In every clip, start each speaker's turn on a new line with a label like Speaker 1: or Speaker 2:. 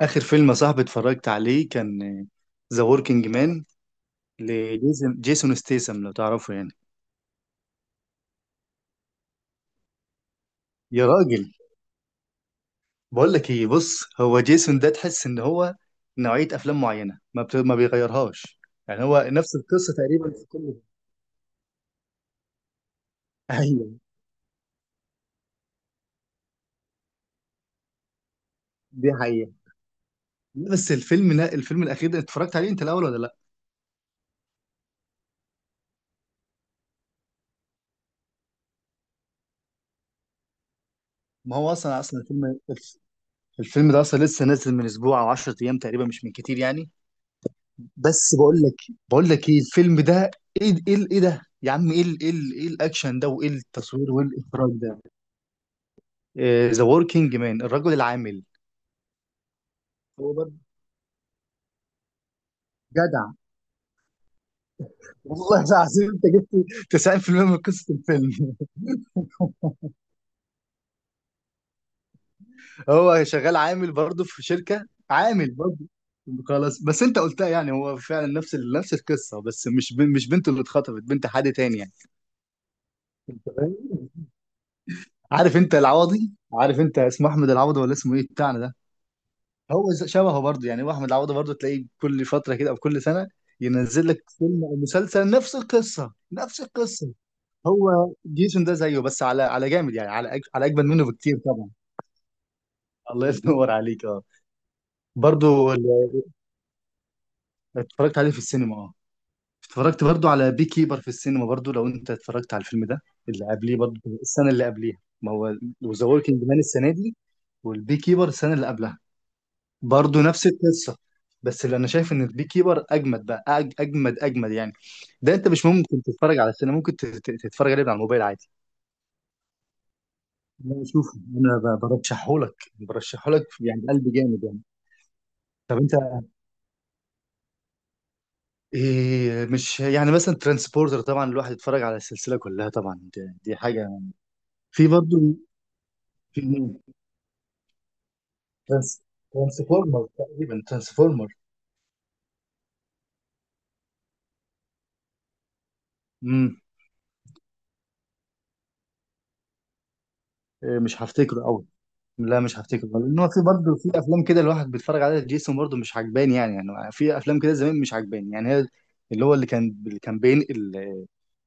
Speaker 1: آخر فيلم يا صاحبي اتفرجت عليه كان ذا وركينج مان لجيسون جيسون ستيسم، لو تعرفه يعني. يا راجل، بقول لك ايه، بص، هو جيسون ده تحس ان هو نوعية افلام معينة ما بيغيرهاش، يعني هو نفس القصة تقريبا في كل ده. ايوه، دي حقيقة. لا، بس الفيلم، لا الفيلم الاخير ده اتفرجت عليه انت الاول ولا لا؟ ما هو اصلا الفيلم ده اصلا لسه نازل من اسبوع او 10 ايام تقريبا، مش من كتير يعني. بس بقول لك ايه الفيلم ده، ايه ده يا عم، ايه الاكشن ده، وايه التصوير، وايه الاخراج ده. ذا وركينج مان، الرجل العامل. هو برضه جدع. والله العظيم انت جبت 90% من قصه الفيلم. هو شغال عامل برضه في شركه، عامل برضه. خلاص، بس انت قلتها، يعني هو فعلا نفس القصه، بس مش بنته اللي اتخطفت، بنت حد تاني يعني. انت فاهم؟ عارف انت العوضي؟ عارف انت اسمه احمد العوضي ولا اسمه ايه بتاعنا ده؟ هو شبهه برضه، يعني هو احمد العوضي برضه تلاقيه كل فتره كده او كل سنه ينزل لك فيلم او مسلسل، نفس القصه نفس القصه. هو جيسون ده زيه، بس على جامد يعني، على اجمل منه بكتير طبعا. الله ينور عليك، اه. برضه ال- اتفرجت عليه في السينما، اه. اتفرجت برضه على بي كيبر في السينما برضه، لو انت اتفرجت على الفيلم ده، اللي قبليه برضه، السنه اللي قبليها. ما هو ذا وركينج مان السنه دي، والبي كيبر السنه اللي قبلها، برضه نفس القصه. بس اللي انا شايف ان البي كيبر اجمد بقى، اجمد اجمد يعني. ده انت مش ممكن تتفرج على السينما، ممكن تتفرج عليه من على الموبايل عادي. لا شوف، انا برشحهولك يعني، قلبي جامد يعني. طب انت، إيه، مش يعني مثلا ترانسبورتر؟ طبعا الواحد يتفرج على السلسله كلها طبعا، دي حاجه. في برضه، في مين؟ ترانس ترانسفورمر تقريبا، ترانسفورمر. امم إيه، مش هفتكره قوي. لا مش هفتكره، لان هو في برضه، في افلام كده الواحد بيتفرج عليها جيسون برضه مش عجباني يعني في افلام كده زمان مش عجباني يعني، هي اللي هو، اللي كان بينقل،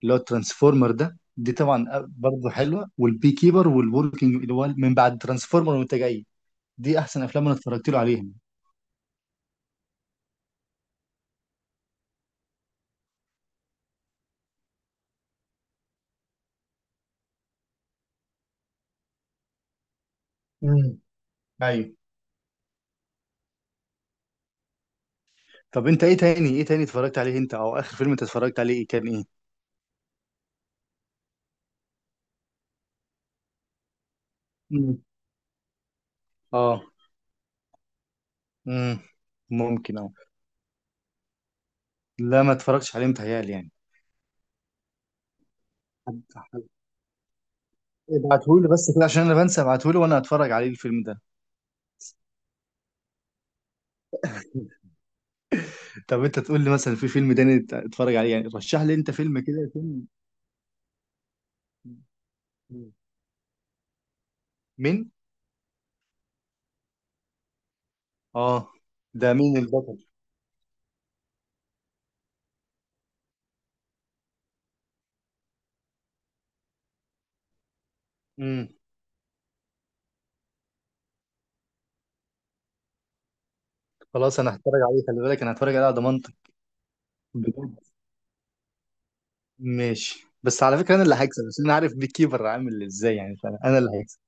Speaker 1: اللي هو الترانسفورمر ده، دي طبعا برضه حلوه، والبي كيبر والوركينج اللي هو من بعد ترانسفورمر وانت جاي، دي احسن افلام انا اتفرجت له عليهم. امم، ايوه. طب انت ايه تاني، ايه تاني اتفرجت عليه انت؟ او اخر فيلم انت اتفرجت عليه ايه، كان ايه؟ امم. اه. امم، ممكن، اه. لا ما اتفرجتش عليه متهيألي. يعني ابعتهولي بس كده عشان انا بنسى، ابعتهولي وانا هتفرج عليه الفيلم ده. طب انت تقول لي مثلا في فيلم تاني اتفرج عليه يعني، رشح لي انت فيلم كده، فيلم. مين؟ اه. ده مين البطل؟ امم. خلاص، انا هتفرج عليه، خلي بالك انا هتفرج عليه على ضمانتك. بجد؟ ماشي، بس على فكره انا اللي هكسب، بس انا عارف بيك كيبر عامل ازاي يعني، فانا اللي هكسب.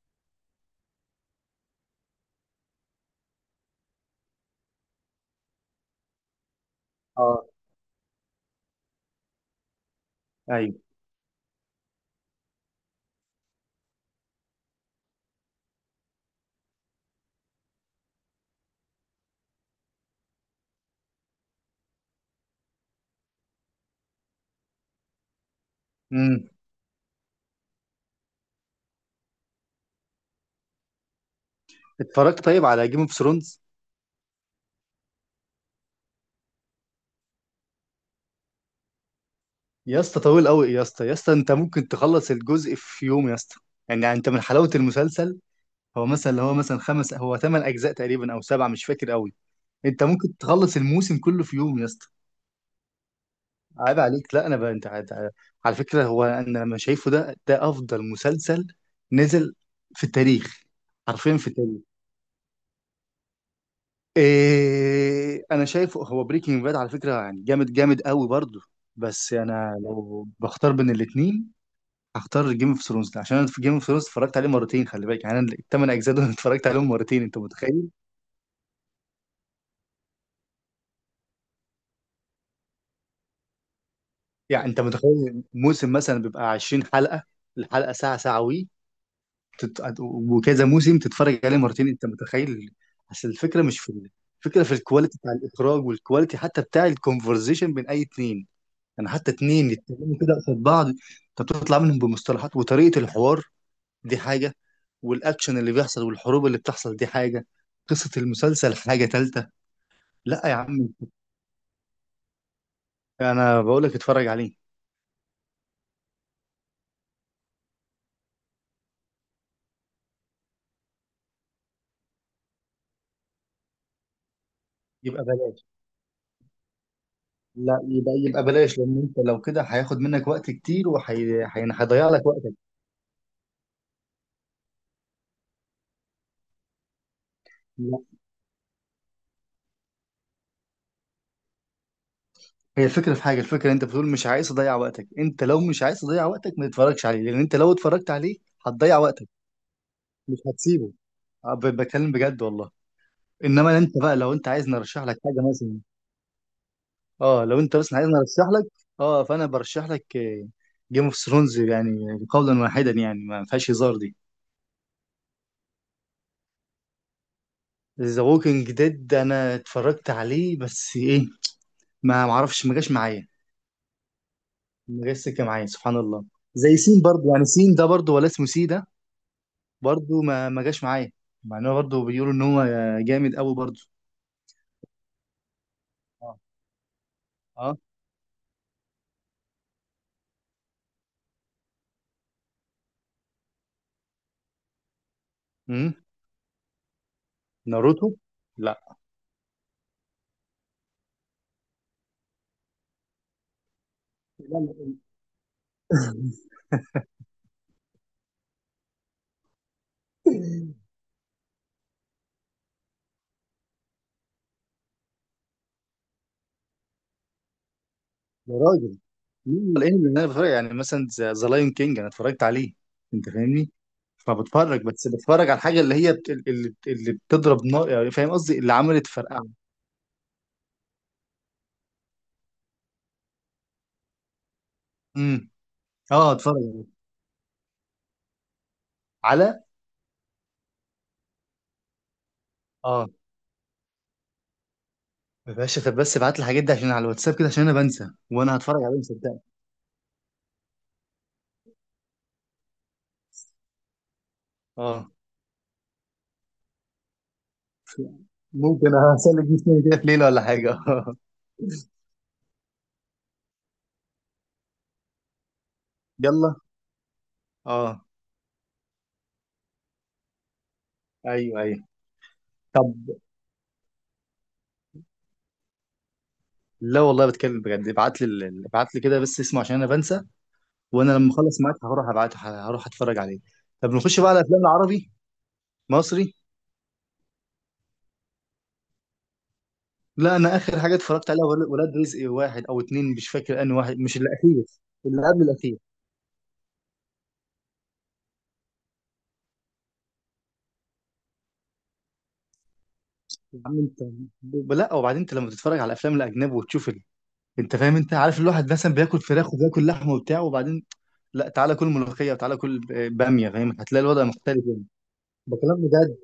Speaker 1: اه. ايوه. امم. اتفرجت طيب على جيم اوف ثرونز؟ يا اسطى طويل قوي، يا اسطى يا اسطى، انت ممكن تخلص الجزء في يوم يا اسطى، يعني انت من حلاوه المسلسل. هو مثلا، اللي هو مثلا خمس، هو ثمان اجزاء تقريبا او سبعه، مش فاكر قوي. انت ممكن تخلص الموسم كله في يوم يا اسطى. عيب عليك. لا انا بقى، انت على فكره، هو انا لما شايفه ده افضل مسلسل نزل في التاريخ، حرفيا في التاريخ. إيه، انا شايفه هو بريكنج باد على فكره يعني جامد، جامد قوي برضه، بس انا لو بختار بين الاثنين هختار جيم اوف ثرونز، عشان انا في جيم اوف ثرونز اتفرجت عليه مرتين خلي بالك، يعني انا الثمان اجزاء دول اتفرجت عليهم مرتين انت متخيل؟ يعني انت متخيل موسم مثلا بيبقى 20 حلقة، الحلقة ساعة، ساعة وكذا موسم تتفرج عليه مرتين، انت متخيل؟ بس الفكرة مش في الفكرة في الكواليتي بتاع الإخراج، والكواليتي حتى بتاع الكونفرزيشن بين أي اتنين، يعني حتى اتنين يتكلموا كده قصاد بعض انت بتطلع منهم بمصطلحات وطريقة الحوار، دي حاجة، والأكشن اللي بيحصل والحروب اللي بتحصل دي حاجة، قصة المسلسل حاجة تالتة. لا يا عم، أنا بقول لك اتفرج عليه. يبقى بلاش. لا يبقى بلاش، لان انت لو كده هياخد منك وقت كتير وهيضيع، هيضيع لك وقتك. لا هي الفكره في حاجه، الفكره انت بتقول مش عايز اضيع وقتك، انت لو مش عايز تضيع وقتك ما تتفرجش عليه، لان انت لو اتفرجت عليه هتضيع وقتك، مش هتسيبه. أه، بتكلم بجد والله. انما انت بقى لو انت عايز نرشح لك حاجه مثلا، اه لو انت مثلا عايز نرشح لك، اه فانا برشح لك جيم اوف ثرونز، يعني قولا واحدا، يعني ما فيهاش هزار دي. ذا ووكينج ديد انا اتفرجت عليه، بس ايه، ما معرفش ما جاش معايا. ما جاش سكه معايا، سبحان الله. زي سين برضو يعني، سين ده برضو، ولا اسمه سي ده، برضو ما جاش معايا، مع انه برضو بيقولوا ان هو جامد قوي برضو. اه. اه. امم. ناروتو؟ لا. لا، لا. يا راجل، مين الانمي اللي انا بتفرج؟ يعني مثلا ذا لاين كينج انا اتفرجت عليه، انت فاهمني، فبتفرج بس، بتفرج على الحاجه اللي هي اللي بتضرب نار، يعني فاهم قصدي، اللي عملت فرقعه. امم. اه، اتفرج على على- اه يا باشا. طب بس ابعت لي الحاجات دي عشان على الواتساب كده، عشان انا بنسى، وانا هتفرج عليهم صدقني. اه، ممكن اسلك جسمي كده في ليله ولا حاجه. يلا. اه. ايوه، ايوه. طب. لا والله بتكلم بجد، ابعت لي كده بس اسمه عشان انا بنسى، وانا لما اخلص معاك هروح ابعته، هروح اتفرج عليه. طب نخش بقى على افلام العربي، مصري. لا انا اخر حاجه اتفرجت عليها ولاد رزق واحد او اتنين، مش فاكر انهي واحد، مش الاخير، اللي قبل الاخير. يا عم انت، لا وبعدين انت لما تتفرج على الافلام الاجنبي وتشوف، انت فاهم، انت عارف الواحد مثلا بياكل فراخ وبياكل لحمه وبتاع، وبعدين لا تعالى كل ملوخيه وتعالى كل باميه، فاهم؟ هتلاقي الوضع مختلف يعني. ده كلام بجد.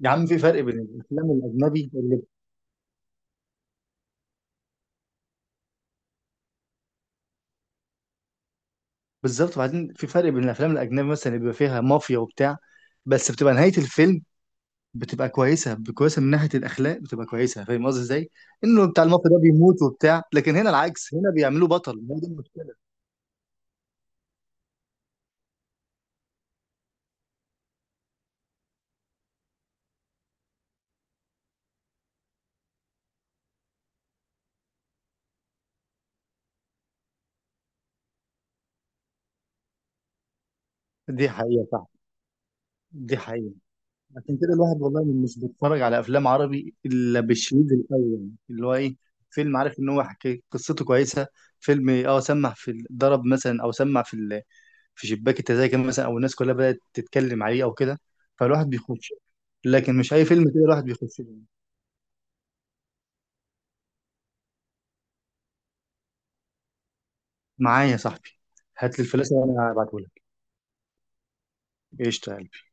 Speaker 1: يا عم في فرق بين الافلام الاجنبي اللي، بالظبط. وبعدين في فرق بين الافلام الاجنبي مثلا اللي بيبقى فيها مافيا وبتاع، بس بتبقى نهايه الفيلم بتبقى كويسه، كويسه من ناحيه الاخلاق بتبقى كويسه، فاهم قصدي ازاي؟ انه بتاع المافيا ده بيموت وبتاع، لكن هنا العكس، هنا بيعملوه بطل، هو دي المشكله. دي حقيقه، صح، دي حقيقه. عشان كده الواحد والله مش بيتفرج على افلام عربي الا بالشريط الاول اللي هو ايه، فيلم عارف ان هو حكي قصته كويسه، فيلم اه سمع في ضرب مثلا، او سمع في في شباك التذاكر مثلا، او الناس كلها بدات تتكلم عليه او كده، فالواحد بيخش. لكن مش اي فيلم كده الواحد بيخش له. معايا يا صاحبي. هات لي الفلاسه وانا هبعته لك. ايش؟